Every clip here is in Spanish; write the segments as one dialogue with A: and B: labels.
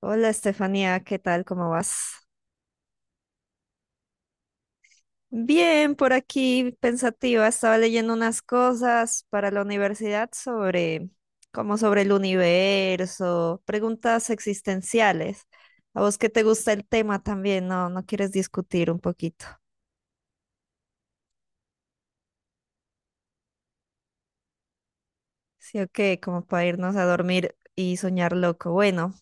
A: Hola Estefanía, ¿qué tal? ¿Cómo vas? Bien, por aquí pensativa, estaba leyendo unas cosas para la universidad sobre, como sobre el universo, preguntas existenciales. A vos que te gusta el tema también, ¿no? ¿No quieres discutir un poquito? Sí, ok, como para irnos a dormir y soñar loco. Bueno,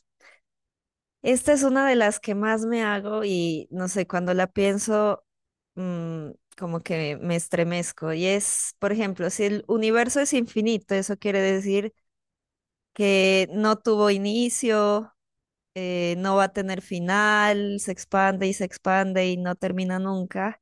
A: esta es una de las que más me hago y no sé, cuando la pienso, mm, como que me estremezco. Y es, por ejemplo, si el universo es infinito, eso quiere decir que no tuvo inicio, no va a tener final, se expande y no termina nunca.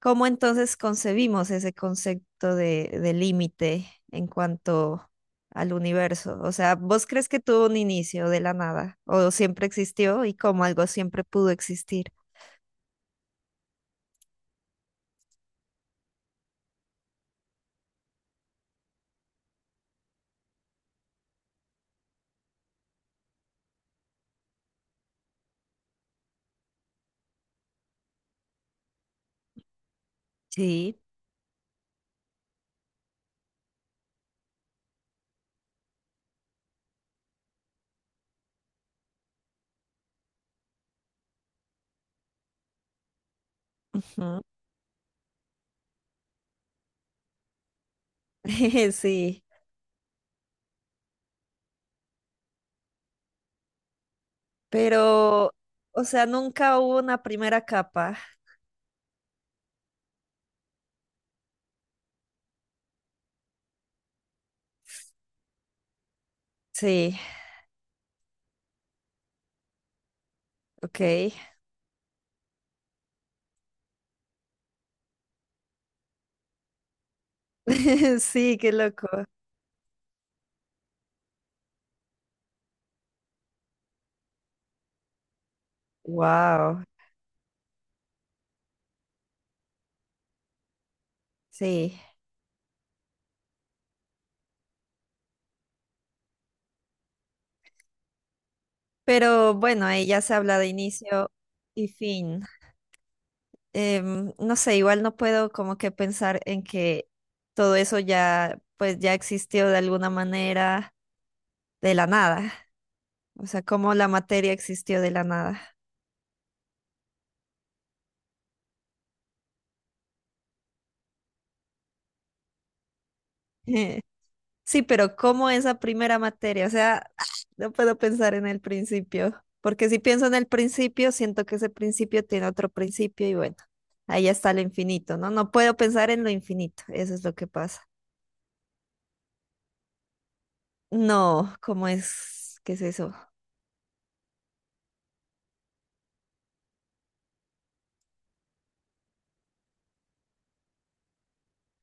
A: ¿Cómo entonces concebimos ese concepto de límite en cuanto al universo? O sea, ¿vos crees que tuvo un inicio de la nada o siempre existió y como algo siempre pudo existir? Sí. Ujú. Sí, pero, o sea, nunca hubo una primera capa. Sí, ok. Sí, qué loco. Wow, sí. Pero bueno, ahí ya se habla de inicio y fin. No sé, igual no puedo como que pensar en que todo eso ya, pues ya existió de alguna manera de la nada. O sea, cómo la materia existió de la nada. Sí, pero cómo esa primera materia, o sea, no puedo pensar en el principio, porque si pienso en el principio, siento que ese principio tiene otro principio y bueno, ahí está lo infinito, ¿no? No puedo pensar en lo infinito, eso es lo que pasa. No, ¿cómo es? ¿Qué es eso?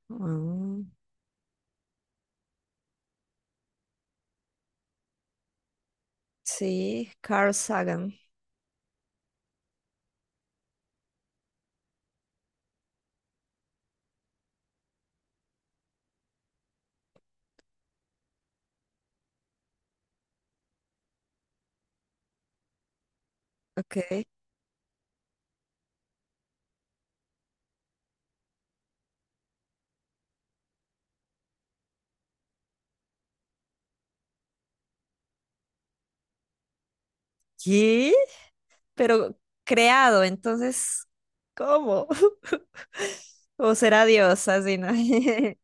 A: Ah. Sí, Carl Sagan. Ok. ¿Qué? Pero creado, entonces, ¿cómo? ¿O será Dios, así, no?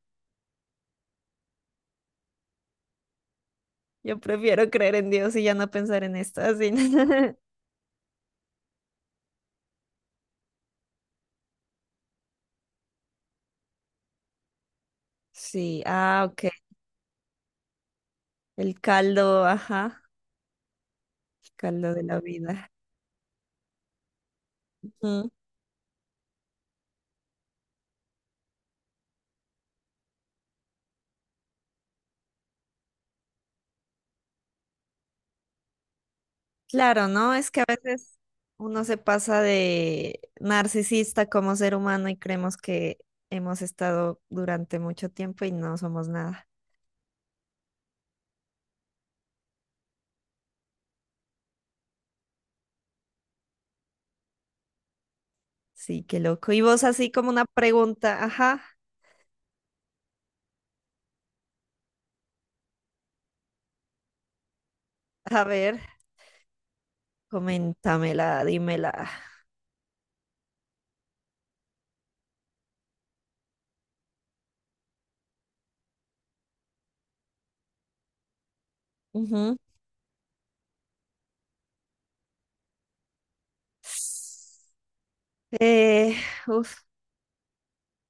A: Yo prefiero creer en Dios y ya no pensar en esto, así, no. Sí, ah, ok. El caldo, ajá, el caldo de la vida. Ujú. Claro, ¿no? Es que a veces uno se pasa de narcisista como ser humano y creemos que hemos estado durante mucho tiempo y no somos nada. Sí, qué loco. Y vos así como una pregunta, ajá, a ver, coméntamela, dímela. Ujú. Eh, uf,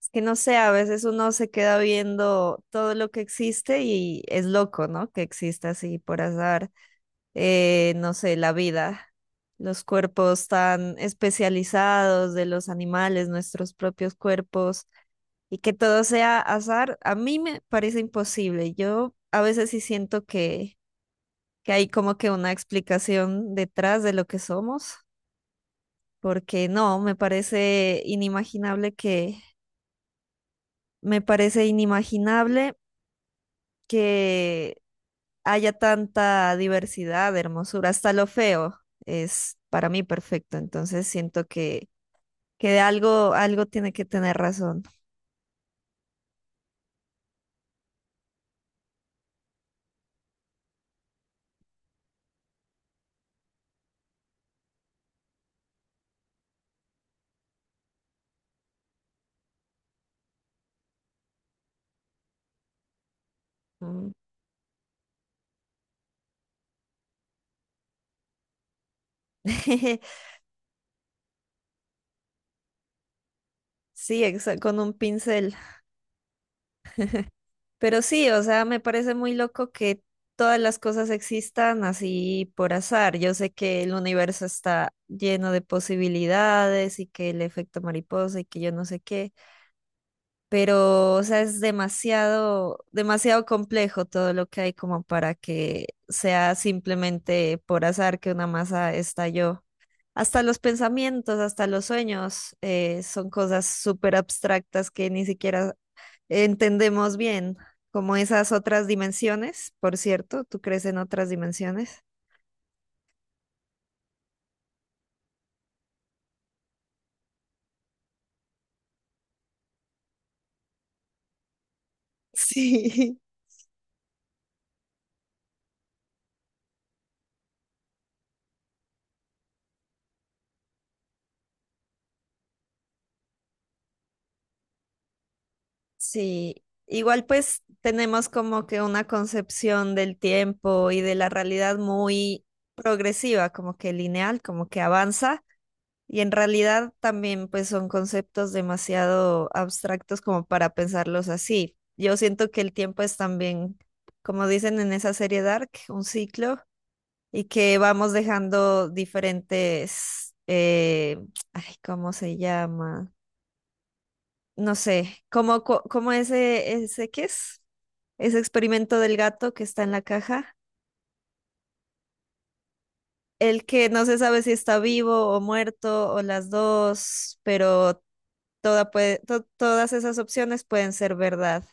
A: es que no sé, a veces uno se queda viendo todo lo que existe y es loco, ¿no? Que exista así por azar, no sé, la vida, los cuerpos tan especializados de los animales, nuestros propios cuerpos, y que todo sea azar, a mí me parece imposible. Yo a veces sí siento que hay como que una explicación detrás de lo que somos, porque no, me parece inimaginable que, me parece inimaginable que haya tanta diversidad, hermosura, hasta lo feo es para mí perfecto, entonces siento que de algo, algo tiene que tener razón. Mm. Sí, exa- con un pincel. Pero sí, o sea, me parece muy loco que todas las cosas existan así por azar. Yo sé que el universo está lleno de posibilidades y que el efecto mariposa y que yo no sé qué, pero, o sea, es demasiado, demasiado complejo todo lo que hay como para que sea simplemente por azar que una masa estalló. Hasta los pensamientos, hasta los sueños, son cosas súper abstractas que ni siquiera entendemos bien como esas otras dimensiones. Por cierto, ¿tú crees en otras dimensiones? Sí. Sí, igual pues tenemos como que una concepción del tiempo y de la realidad muy progresiva, como que lineal, como que avanza. Y en realidad también pues son conceptos demasiado abstractos como para pensarlos así. Yo siento que el tiempo es también, como dicen en esa serie Dark, un ciclo y que vamos dejando diferentes, ay, ¿cómo se llama? No sé, como, como ese, ¿qué es? Ese experimento del gato que está en la caja. El que no se sabe si está vivo o muerto o las dos, pero todas esas opciones pueden ser verdad.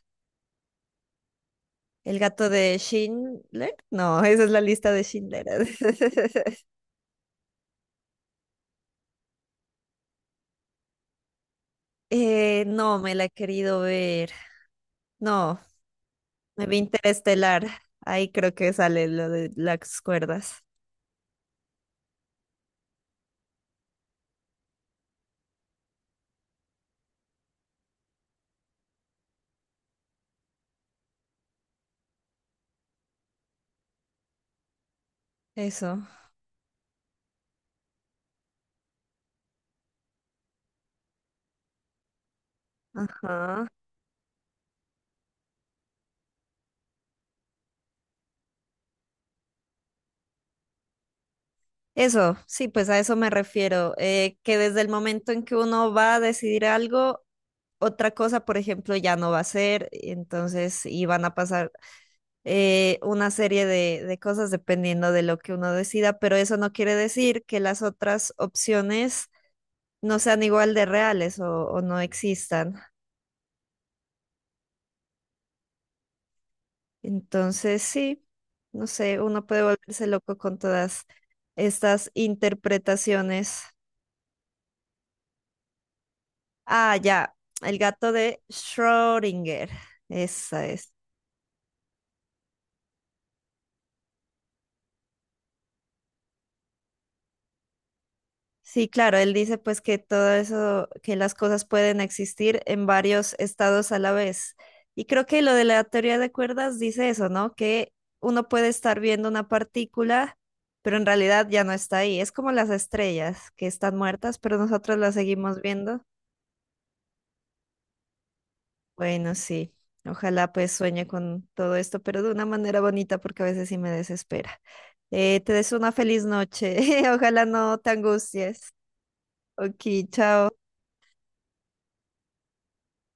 A: El gato de Schindler, no, esa es la lista de Schindler. No, me la he querido ver. No. Me vi Interestelar. Ahí creo que sale lo de las cuerdas. Eso. Ajá. Eso, sí, pues a eso me refiero. Que desde el momento en que uno va a decidir algo, otra cosa, por ejemplo, ya no va a ser. Y entonces, y van a pasar una serie de cosas dependiendo de lo que uno decida, pero eso no quiere decir que las otras opciones no sean igual de reales o no existan. Entonces, sí, no sé, uno puede volverse loco con todas estas interpretaciones. Ah, ya, el gato de Schrödinger, esa es. Sí, claro, él dice pues que todo eso, que las cosas pueden existir en varios estados a la vez. Y creo que lo de la teoría de cuerdas dice eso, ¿no? Que uno puede estar viendo una partícula, pero en realidad ya no está ahí. Es como las estrellas que están muertas, pero nosotros las seguimos viendo. Bueno, sí. Ojalá pues sueñe con todo esto, pero de una manera bonita porque a veces sí me desespera. Te deseo una feliz noche. Ojalá no te angusties. Ok, chao.